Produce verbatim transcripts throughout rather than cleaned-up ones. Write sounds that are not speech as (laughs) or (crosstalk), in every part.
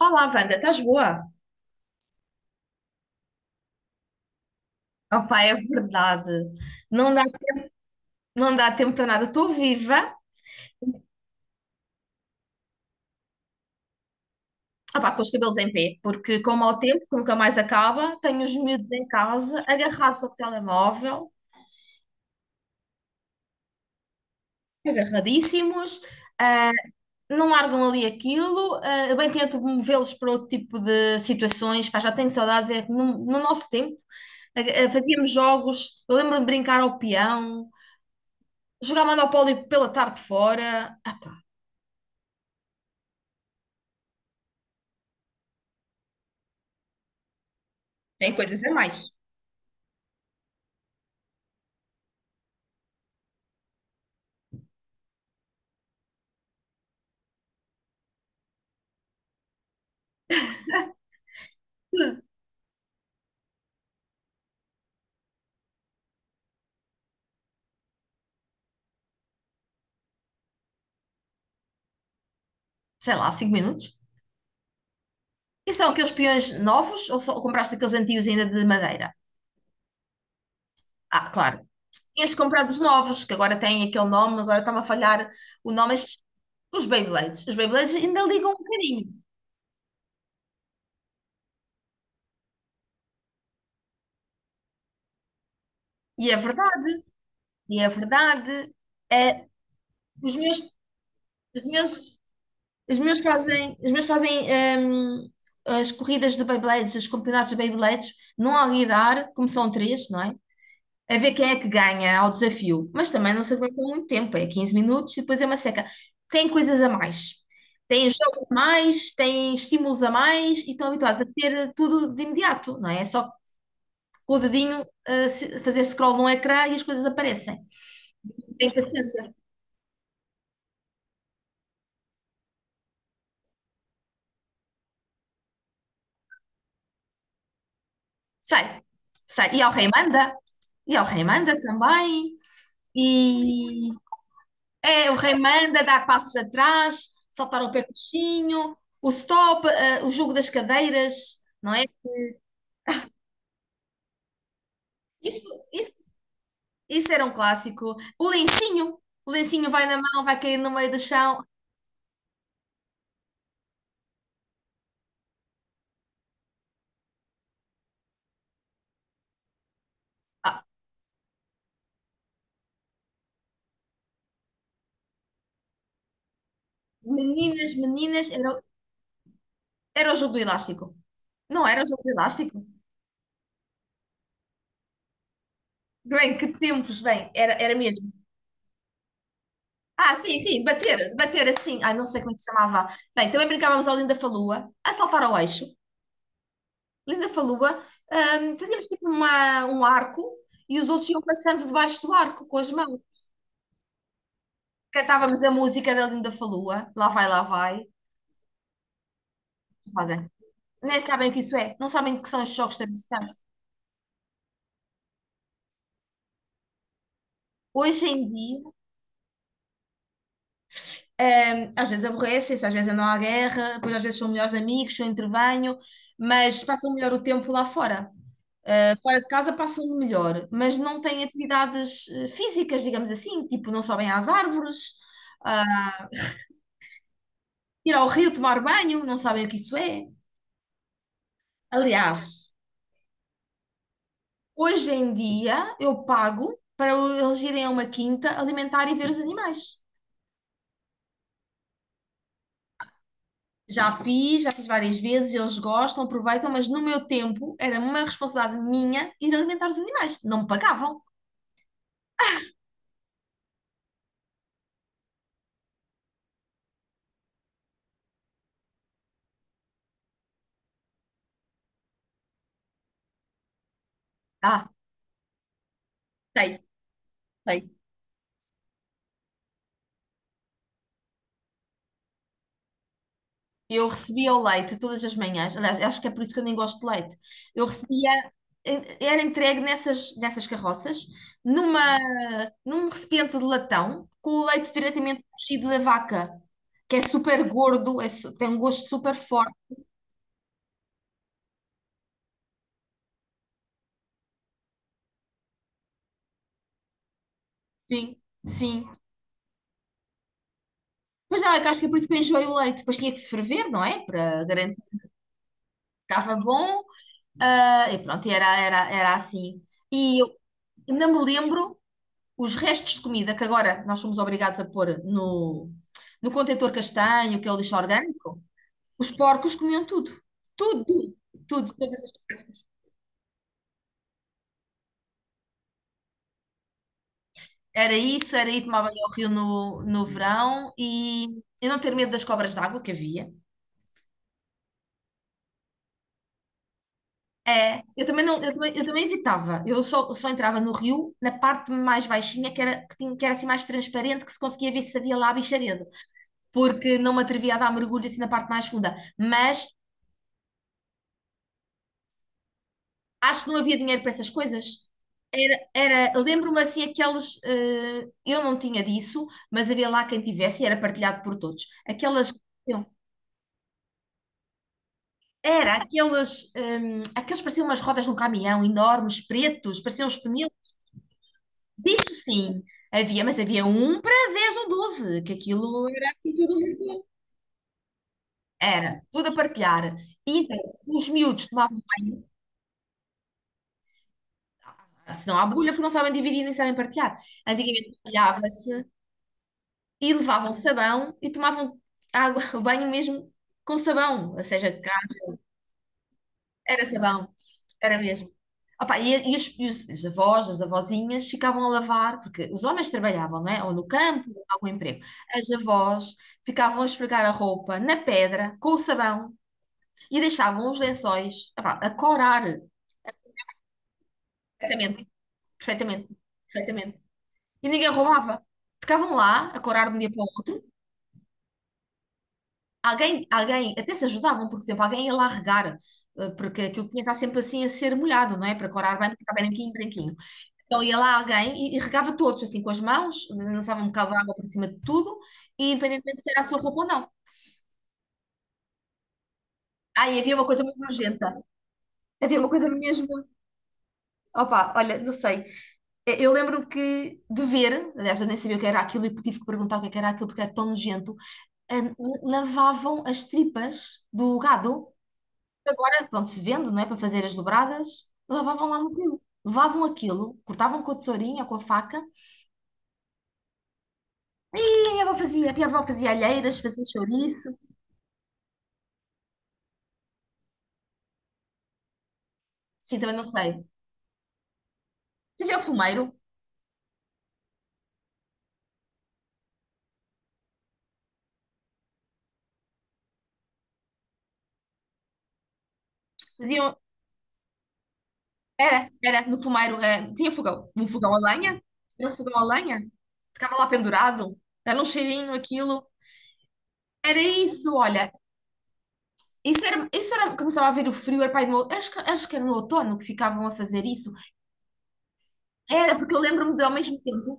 Olá, Wanda, estás boa? Opá, é verdade. Não dá, não dá tempo para nada. Estou viva, opá, com os cabelos em pé, porque com o mau tempo, que nunca mais acaba, tenho os miúdos em casa, agarrados ao telemóvel, agarradíssimos, ah, não largam ali aquilo. Ah, eu bem tento movê-los para outro tipo de situações, pá, já tenho saudades. É que no, no nosso tempo, ah, ah, fazíamos jogos, eu lembro-me de brincar ao peão, jogar Monopólio pela tarde fora. Ah, pá, tem coisas a mais. Sei lá, cinco minutos. E são aqueles peões novos ou, só, ou compraste aqueles antigos ainda de madeira? Ah, claro. Este comprado os novos, que agora têm aquele nome, agora está-me a falhar o nome. Estes, os Beyblades. Os Beyblades ainda ligam um bocadinho. E é verdade. E é verdade. É, os meus, os meus, os meus fazem, os meus fazem hum, as corridas de Beyblades, os campeonatos de Beyblades, não há lidar, como são três, não é? A ver quem é que ganha ao desafio, mas também não se aguenta muito tempo, é quinze minutos e depois é uma seca. Tem coisas a mais, tem jogos a mais, tem estímulos a mais e estão habituados a ter tudo de imediato, não é? É só com o dedinho, ah, se- fazer scroll no ecrã e as coisas aparecem. Tem paciência. Sai, sai. E ao rei manda, e ao rei manda também. E é, o rei manda dar passos atrás, saltar o pé coxinho, o stop, ah, o jogo das cadeiras. Não é? Isso, isso, isso era um clássico. O lencinho, o lencinho vai na mão, vai cair no meio do chão. Ah, meninas, meninas, era, era o jogo do elástico. Não era o jogo do elástico? Bem, que tempos, bem, era, era mesmo. Ah, sim, sim, bater, bater assim. Ai, não sei como é que se chamava. Bem, também brincávamos ao Linda Falua, a saltar ao eixo. Linda Falua, hum, fazíamos tipo uma, um arco e os outros iam passando debaixo do arco com as mãos. Cantávamos a música da Linda Falua, lá vai, lá vai. Nem sabem o que isso é, não sabem o que são os choques tradicionais. Hoje em dia, ehm, às vezes aborrecem-se, às vezes andam à guerra, depois às vezes são melhores amigos, eu intervenho, mas passam melhor o tempo lá fora. Eh, Fora de casa passam melhor, mas não têm atividades eh, físicas, digamos assim, tipo não sobem às árvores, ah, ir ao rio tomar banho, não sabem o que isso é. Aliás, hoje em dia eu pago para eles irem a uma quinta alimentar e ver os animais. Já fiz, já fiz várias vezes, eles gostam, aproveitam, mas no meu tempo era uma responsabilidade minha ir alimentar os animais. Não me pagavam. Ah, sei, sei. Eu recebia o leite todas as manhãs, aliás, acho que é por isso que eu nem gosto de leite. Eu recebia, era entregue nessas, nessas carroças, numa, num recipiente de latão, com o leite diretamente cozido da vaca, que é super gordo, é su- tem um gosto super forte. Sim, sim. Mas não, é que acho que é por isso que eu enjoei o leite. Depois tinha que se ferver, não é? Para garantir que ficava bom. Ah, e pronto, era, era, era assim. E eu ainda me lembro os restos de comida que agora nós somos obrigados a pôr no, no contentor castanho, que é o lixo orgânico. Os porcos comiam tudo. Tudo, tudo. todas as- Era isso, era ir tomar banho ao rio no, no verão e eu não ter medo das cobras d'água que havia. É, eu também não, eu também, eu também evitava. Eu só, eu só entrava no rio na parte mais baixinha, que era, que tinha, que era assim mais transparente, que se conseguia ver se havia lá bicharedo, porque não me atrevia a dar mergulho assim na parte mais funda. Mas acho que não havia dinheiro para essas coisas. Era, era, lembro-me assim aquelas, eh, eu não tinha disso, mas havia lá quem tivesse e era partilhado por todos. Aquelas, era aquelas, hum, aqueles pareciam umas rodas de um caminhão enormes, pretos, pareciam os pneus. Disso sim, havia, mas havia um para dez ou doze que aquilo era assim tudo muito. Era, tudo a partilhar. E então, os miúdos tomavam banho, senão à bolha, porque não sabem dividir nem sabem partilhar. Antigamente partilhava-se e levavam sabão e tomavam água, (laughs) o banho mesmo com sabão, ou seja, era sabão, era mesmo. Opa, e, e os, e os- os avós, as avózinhas ficavam a lavar, porque os homens trabalhavam, não é? Ou no campo, ou em algum emprego. As avós ficavam a esfregar a roupa na pedra, com o sabão, e deixavam os lençóis, opá, a corar. Perfeitamente, perfeitamente, perfeitamente. E ninguém roubava. Ficavam lá, a corar de um dia para o outro. Alguém, alguém, até se ajudavam, por exemplo, alguém ia lá regar, eh, porque aquilo tinha que estar sempre assim a ser molhado, não é? Para corar bem, porque ficar branquinho, branquinho. Então ia lá alguém e, e regava todos, assim, com as mãos, lançava um bocado de água por cima de tudo, e independentemente se era a sua roupa ou não. Ah, e havia uma coisa muito nojenta. Havia uma coisa mesmo. Opa, olha, não sei. Eh, Eu lembro-me que de ver, aliás, eu nem sabia o que era aquilo e tive que perguntar o que é que era aquilo porque era tão nojento. eh, Lavavam as tripas do gado. Agora, pronto, se vende, não é? Para fazer as dobradas, lavavam lá no rio. Levavam aquilo, cortavam com a tesourinha, com a faca, e a minha avó fazia, a minha avó fazia alheiras, fazia chouriço. Sim, também não sei. Fazia o fumeiro. Faziam. Era, era, no fumeiro, eh, tinha fogão. Um fogão a lenha. Era um fogão a lenha. Ficava lá pendurado. Dava um cheirinho, aquilo. Era isso, olha. Isso era, isso era, começava a ver o frio, era pai do meu, acho que, acho que era no outono que ficavam a fazer isso. Era, porque eu lembro-me de, ao mesmo tempo,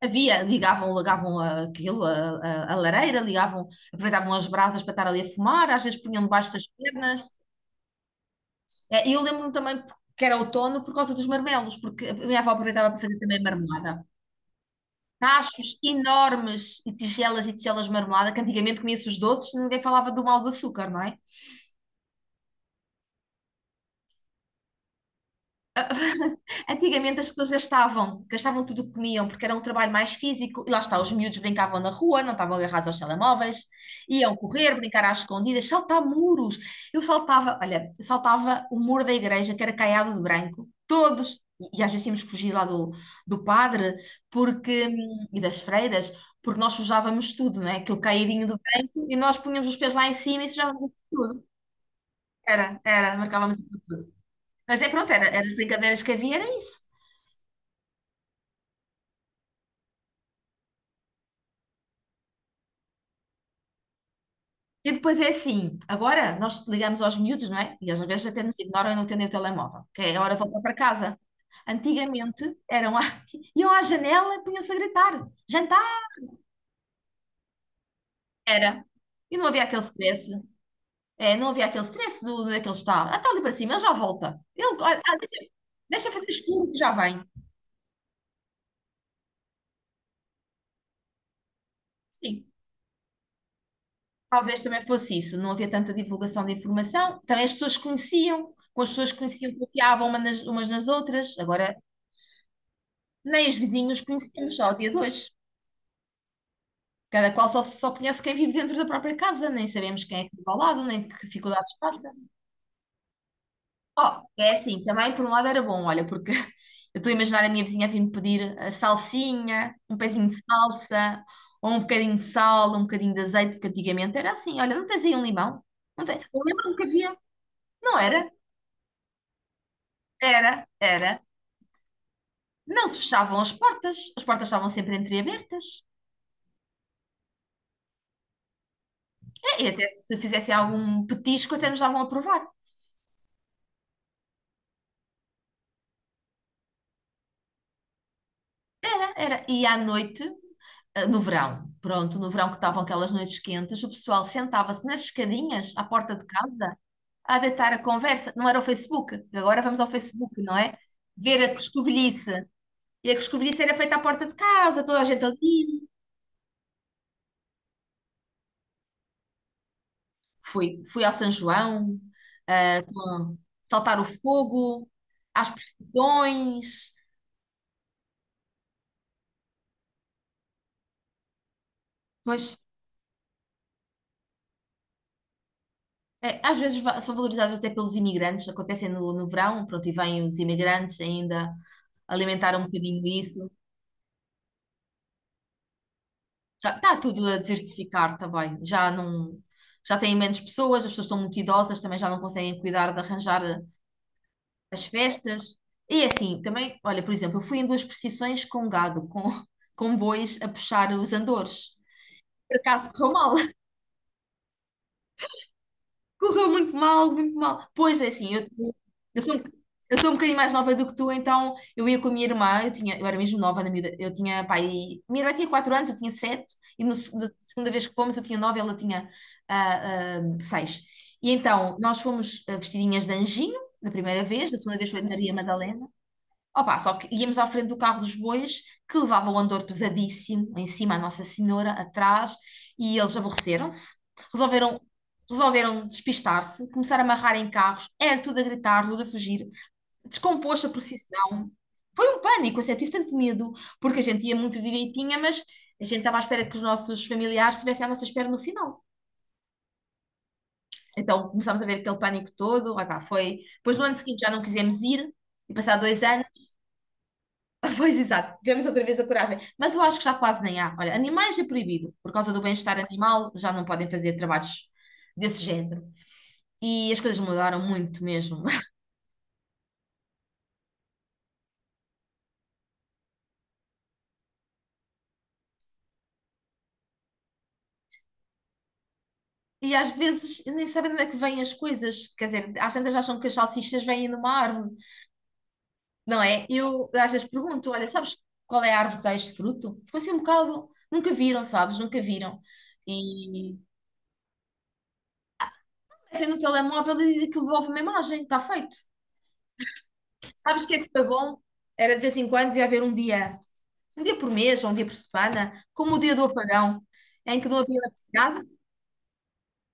havia, ligavam, ligavam aquilo, a, a, a lareira, ligavam, aproveitavam as brasas para estar ali a fumar, às vezes punham debaixo das pernas. Eh, E eu lembro-me também que era outono por causa dos marmelos, porque a minha avó aproveitava para fazer também marmelada. Tachos enormes e tigelas e tigelas de marmelada, que antigamente comia-se os doces, ninguém falava do mal do açúcar, não é? Antigamente as pessoas gastavam, gastavam tudo o que comiam, porque era um trabalho mais físico, e lá está, os miúdos brincavam na rua, não estavam agarrados aos telemóveis, iam correr, brincar às escondidas, saltar muros. Eu saltava, olha, saltava o muro da igreja, que era caiado de branco, todos, e e às vezes tínhamos que fugir lá do, do padre, porque, hum, e das freiras, porque nós sujávamos tudo, não é? Aquele caidinho de branco, e nós punhamos os pés lá em cima e sujávamos tudo. Era, era, marcávamos tudo. Mas é pronto, era, era as brincadeiras que havia, era isso. E depois é assim, agora nós ligamos aos miúdos, não é? E eles às vezes até nos ignoram e não atendem o telemóvel, que é a hora de voltar para casa. Antigamente eram à... (laughs) iam à janela e punham-se a gritar. Jantar era. E não havia aquele stress. É, não havia aquele stress do, onde é que ele está. Ah, está ali para cima, ele já volta. Ele, ah, ah, deixa, deixa fazer escuro que já vem. Sim, talvez também fosse isso. Não havia tanta divulgação de informação. Também as pessoas conheciam, com as pessoas que conheciam, confiavam uma nas- umas nas outras. Agora nem os vizinhos conhecemos só ao dia de hoje. Cada qual só, só conhece quem vive dentro da própria casa, nem sabemos quem é que vive ao lado, nem que dificuldades passa. Oh, é assim, também por um lado era bom, olha, porque (laughs) eu estou a imaginar a minha vizinha a vir-me pedir a salsinha, um pezinho de salsa, ou um bocadinho de sal, um bocadinho de azeite, porque antigamente era assim, olha, não tens aí um limão? Não tem. Eu lembro-me que havia. Não era, era, era. Não se fechavam as portas, as portas estavam sempre entreabertas. É, e até se fizessem algum petisco, até nos davam a provar. Era, e à noite, eh, no verão, pronto, no verão que estavam aquelas noites quentes, o pessoal sentava-se nas escadinhas à porta de casa a deitar a conversa. Não era o Facebook, agora vamos ao Facebook, não é? Ver a coscovilhice. E a coscovilhice era feita à porta de casa, toda a gente ali. Fui, fui ao São João, ah, com- saltar o fogo, às procissões. Pois é, às vezes va- são valorizados até pelos imigrantes, acontecem no, no verão, pronto, e vêm os imigrantes ainda alimentar um bocadinho isso. Está tudo a desertificar também, já não, já têm menos pessoas, as pessoas estão muito idosas, também já não conseguem cuidar de arranjar eh, as festas. E assim, também, olha, por exemplo, eu fui em duas procissões com gado, com, (laughs) com bois a puxar os andores. Por acaso correu mal, correu muito mal, muito mal. Pois é, assim, eu, eu sou, um- eu sou um bocadinho mais nova do que tu, então eu ia com a minha irmã, eu tinha, eu era mesmo nova na miúda, eu tinha, pai, minha irmã tinha quatro anos, eu tinha sete. E no se- da segunda vez que fomos eu tinha nove, ela tinha ah, ah, seis. E então nós fomos ah, vestidinhas de anjinho, da primeira vez, da segunda vez foi de Maria Madalena. Opa, só que íamos à frente do carro dos bois, que levava o andor pesadíssimo, em cima a Nossa Senhora, atrás, e eles aborreceram-se, resolveram, resolveram despistar-se, começaram a amarrar em carros, era tudo a gritar, tudo a fugir, descomposto a procissão. Foi um pânico, assim, eu tive tanto medo, porque a gente ia muito direitinha, mas a gente estava à espera que os nossos familiares estivessem à nossa espera no final. Então começámos a ver aquele pânico todo, opá, foi... Depois no ano seguinte já não quisemos ir, e passar dois anos. (laughs) Pois, exato, tivemos outra vez a coragem. Mas eu acho que já quase nem há. Olha, animais é proibido. Por causa do bem-estar animal, já não podem fazer trabalhos desse género. E as coisas mudaram muito mesmo. (laughs) E às vezes nem sabem de onde é que vêm as coisas. Quer dizer, às tantas acham que as salsichas vêm numa árvore, não é? Eu às vezes pergunto: olha, sabes qual é a árvore que dá este fruto? Ficou assim um bocado. Nunca viram, sabes? Nunca viram. E até no telemóvel e aquilo devolve uma imagem, está feito. Sabes o que é que foi bom? Era de vez em quando ia haver um dia um dia por mês, ou um dia por semana, como o dia do apagão, em que não havia eletricidade,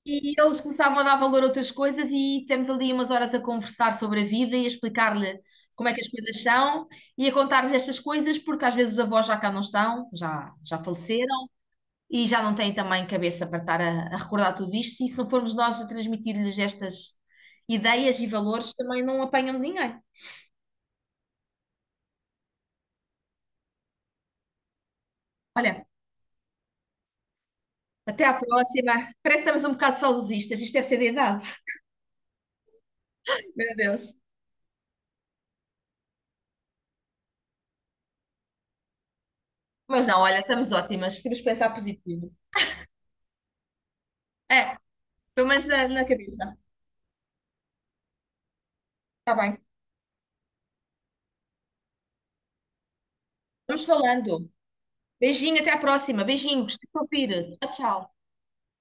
e eles começavam a dar valor a outras coisas e tivemos ali umas horas a conversar sobre a vida e a explicar-lhe como é que as coisas são e a contar-lhes estas coisas, porque às vezes os avós já cá não estão, já, já faleceram e já não têm também cabeça para estar a, a recordar tudo isto, e se não formos nós a transmitir-lhes estas ideias e valores, também não apanham de ninguém. Olha, até à próxima. Parece que estamos um bocado saudosistas, isto deve ser de idade. Meu Deus. Mas não, olha, estamos ótimas, temos que pensar positivo. É, pelo menos na, na cabeça. Está bem. Vamos falando. Beijinho, até à próxima. Beijinhos, ouvir. Tchau, tchau.